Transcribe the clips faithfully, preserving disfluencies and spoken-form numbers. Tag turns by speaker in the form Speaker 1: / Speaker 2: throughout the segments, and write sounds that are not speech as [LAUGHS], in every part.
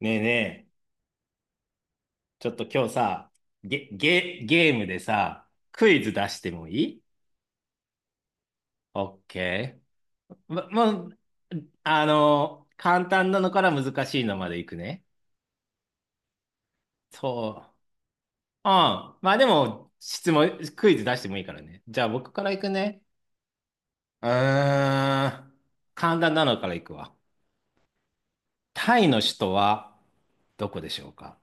Speaker 1: ねえねえ、ちょっと今日さ、ゲ、ゲ、ゲームでさ、クイズ出してもいい？オッケー。ま、もう、あの、簡単なのから難しいのまでいくね。そう。うん。まあでも、質問、クイズ出してもいいからね。じゃあ僕からいくね。うーん。簡単なのからいくわ。タイの首都はどこでしょうか？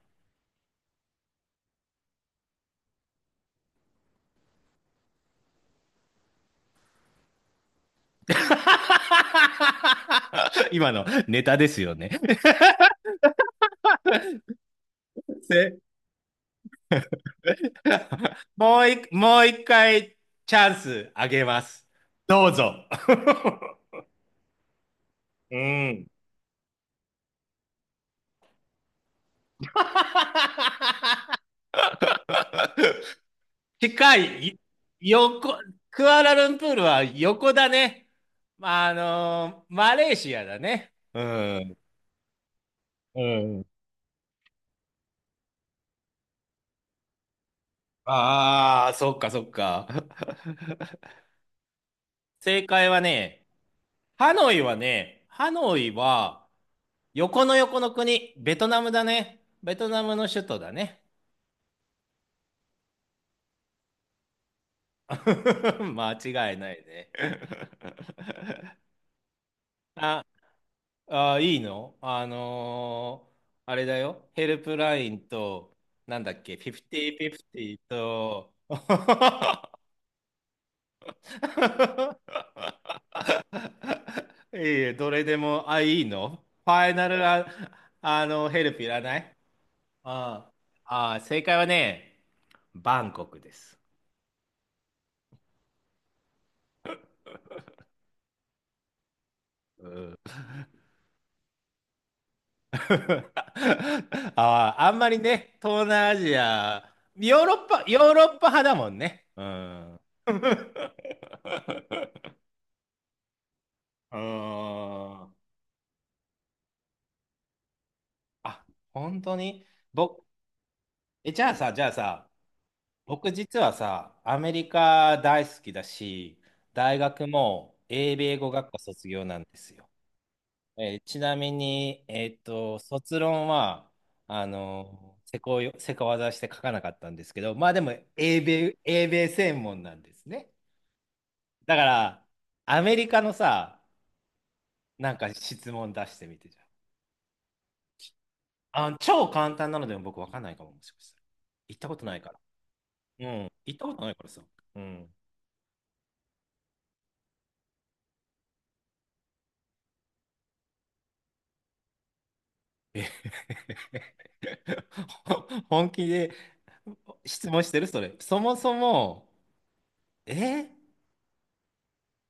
Speaker 1: [LAUGHS] 今のネタですよね？せ [LAUGHS] もうい、もう一回チャンスあげます。どうぞ。[LAUGHS] うん。[LAUGHS] 近い、い横、クアラルンプールは横だね。まあ、あのーマレーシアだね。うん。うん。ああ、そっかそっか。[LAUGHS] 正解はね、ハノイはね、ハノイは横の横の国、ベトナムだね。ベトナムの首都だね。[LAUGHS] 間違いないね。あ、あ、いいの？あのーあれだよ。ヘルプラインと、なんだっけ、フィフティーフィフティーと、[LAUGHS] いいえ、どれでも、あ、いいの？ファイナルあ、あの、ヘルプいらない？ああ、あ正解はね、バンコクです。うん。 [LAUGHS] ああ、あんまりね、東南アジア、ヨーロッパ、ヨーロッパ派だもんね。うん。[LAUGHS] うーん。あ、本当に？僕、え、じゃあさ、じゃあさ、僕実はさ、アメリカ大好きだし、大学も英米語学科卒業なんですよ。えーちなみに、えーっと、卒論は、あの、せこい、せこ技して書かなかったんですけど、まあでも、英米、英米専門なんですね。だから、アメリカのさ、なんか質問出してみてじゃん。あ、超簡単なのでも僕わかんないかも、もしかしたら。行ったことないから。うん。行ったことないからさ。うん。え？ [LAUGHS] 本気で質問してるそれ？そもそも、え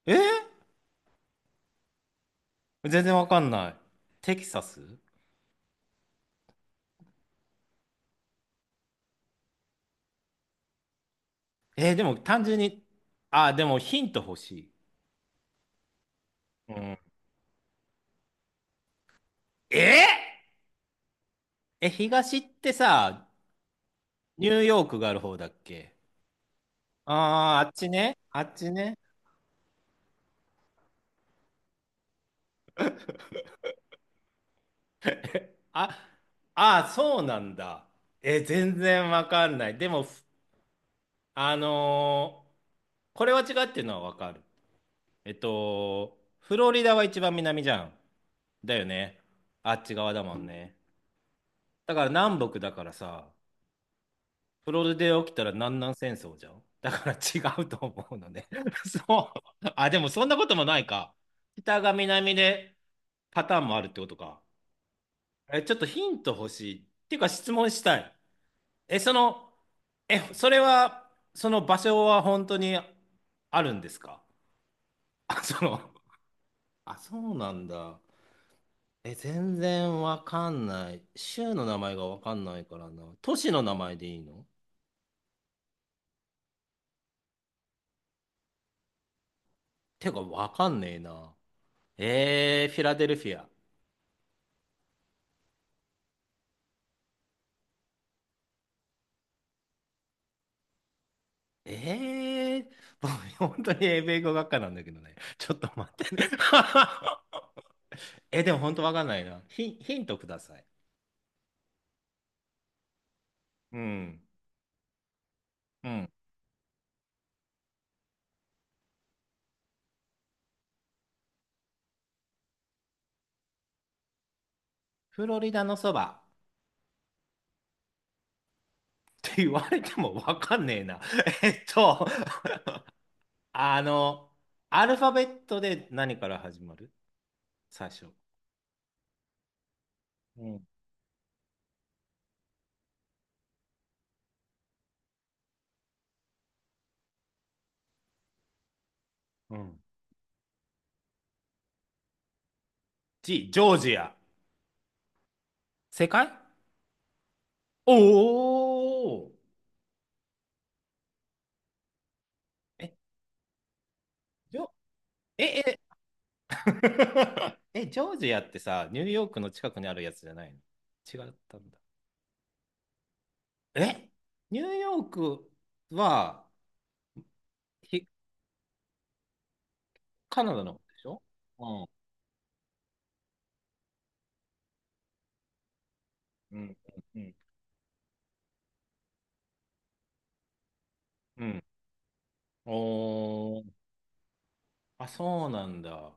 Speaker 1: え全然わかんない。テキサス。えーでも単純に、あー、でもヒント欲しい。うん。えーえ、東ってさ、ニューヨークがある方だっけ？ああー、あっちね。あっちね。あ、ああそうなんだ。え全然わかんない。でも、ふあのーこれは違うっていうのはわかる。えっと、フロリダは一番南じゃん。だよね。あっち側だもんね。だから南北だからさ、プロリダで起きたら南南戦争じゃん。[LAUGHS] だから違うと思うのね。[LAUGHS] そう。あ、でもそんなこともないか。北が南でパターンもあるってことか。え、ちょっとヒント欲しい。っていうか質問したい。え、その、え、それは、その場所は本当にあるんですか？あ、その、あ、そうなんだ。え、全然わかんない。州の名前がわかんないからな。都市の名前でいいの？てかわかんねえな。えー、フィラデルフィア。ええー [LAUGHS] 僕、本当に英米語学科なんだけどね。ちょっと待ってね。[LAUGHS] え、でも本当わかんないな。ヒン、ヒントください。うん。うん。フロリダのそばって言われてもわかんねえな。[LAUGHS] えっと、あの、アルファベットで何から始まる？最初。うん。うん。G、ジョージア。正解？おおー。え、ジョ、え、え、[LAUGHS] え、ジョージアってさ、ニューヨークの近くにあるやつじゃないの？違ったんだ。えニューヨークは、ひ、カナダの方でしょ？うん。うん。うん。うん。おー。あ、そうなんだ。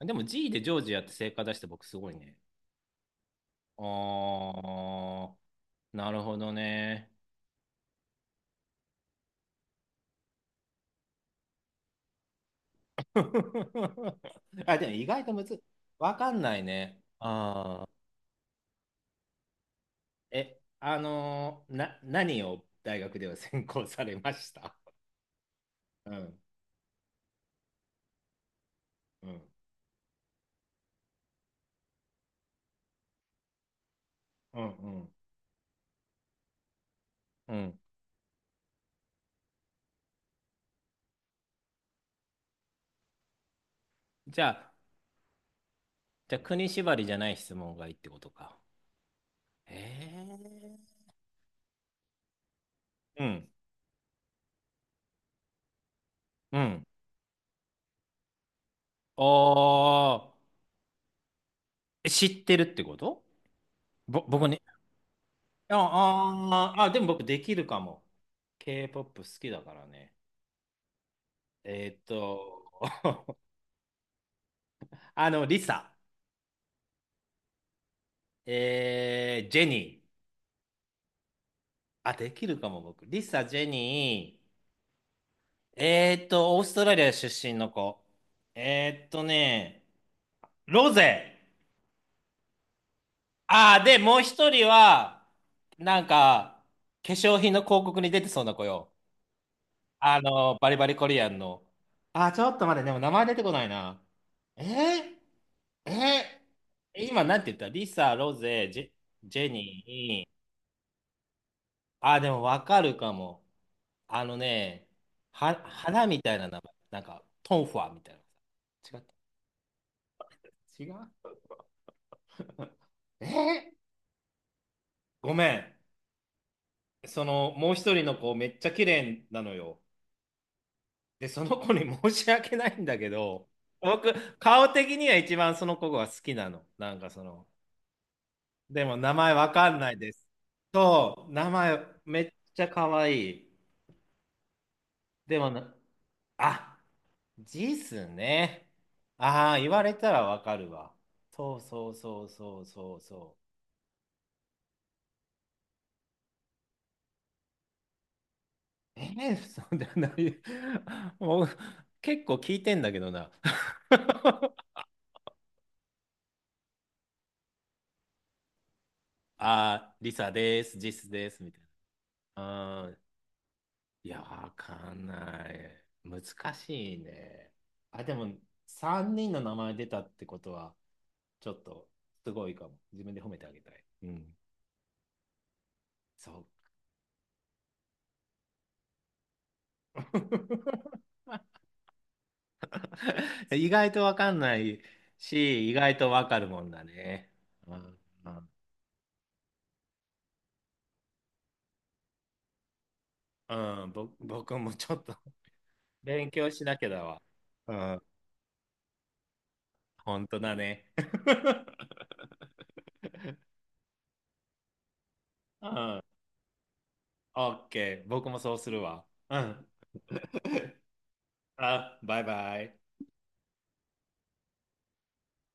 Speaker 1: でも G でジョージアって正解出して僕すごいね。あー、なるほどね。[LAUGHS] あ、でも意外とむず、わかんないね。あー。え、あのーな、何を大学では専攻されました？うん、うん、うん、うん、うん。じゃあ、じゃあ、国縛りじゃない質問がいいってことか。えー、うん、うん。ああ、え知ってるってこと？ぼ、僕ね。ああー、あ、でも僕できるかも。K-ポップ 好きだからね。えーっと、[LAUGHS] あの、リサ、えー、ジェニー。あ、できるかも、僕。リサ、ジェニー、えーっと、オーストラリア出身の子。えーっとね、ロゼ。ああ、で、もう一人は、なんか、化粧品の広告に出てそうな子よ。あの、バリバリコリアンの。ああ、ちょっと待って、でも名前出てこないな。えー、えー、今なんて言った？リサ、ロゼ、ジェ、ジェニー。ああ、でもわかるかも。あのね、は、花みたいな名前。なんか、トンファーみたいな。違った。違う？えーごめん。その、もう一人の子、めっちゃ綺麗なのよ。で、その子に [LAUGHS] 申し訳ないんだけど、僕、顔的には一番その子が好きなの。なんかその、でも名前わかんないです。そう、名前めっちゃ可愛い。でもな、あ、ジスね。ああ、言われたらわかるわ。そうそうそうそうそうそう。えー、そうだな。[LAUGHS] もう、結構聞いてんだけどな。[LAUGHS] あー、リサです、ジスです、みたいな。うーん。いや、わかんない。難しいね。あ、でも、さんにんの名前出たってことは、ちょっと、すごいかも。自分で褒めてあげたい。うん。そう。[LAUGHS] 意外とわかんないし、意外とわかるもんだね。うん。うん、うんぼ、僕もちょっと [LAUGHS] 勉強しなきゃだわ。うん。本当だね。[LAUGHS] うん。オッケー。僕もそうするわ。うん。あバイバイ。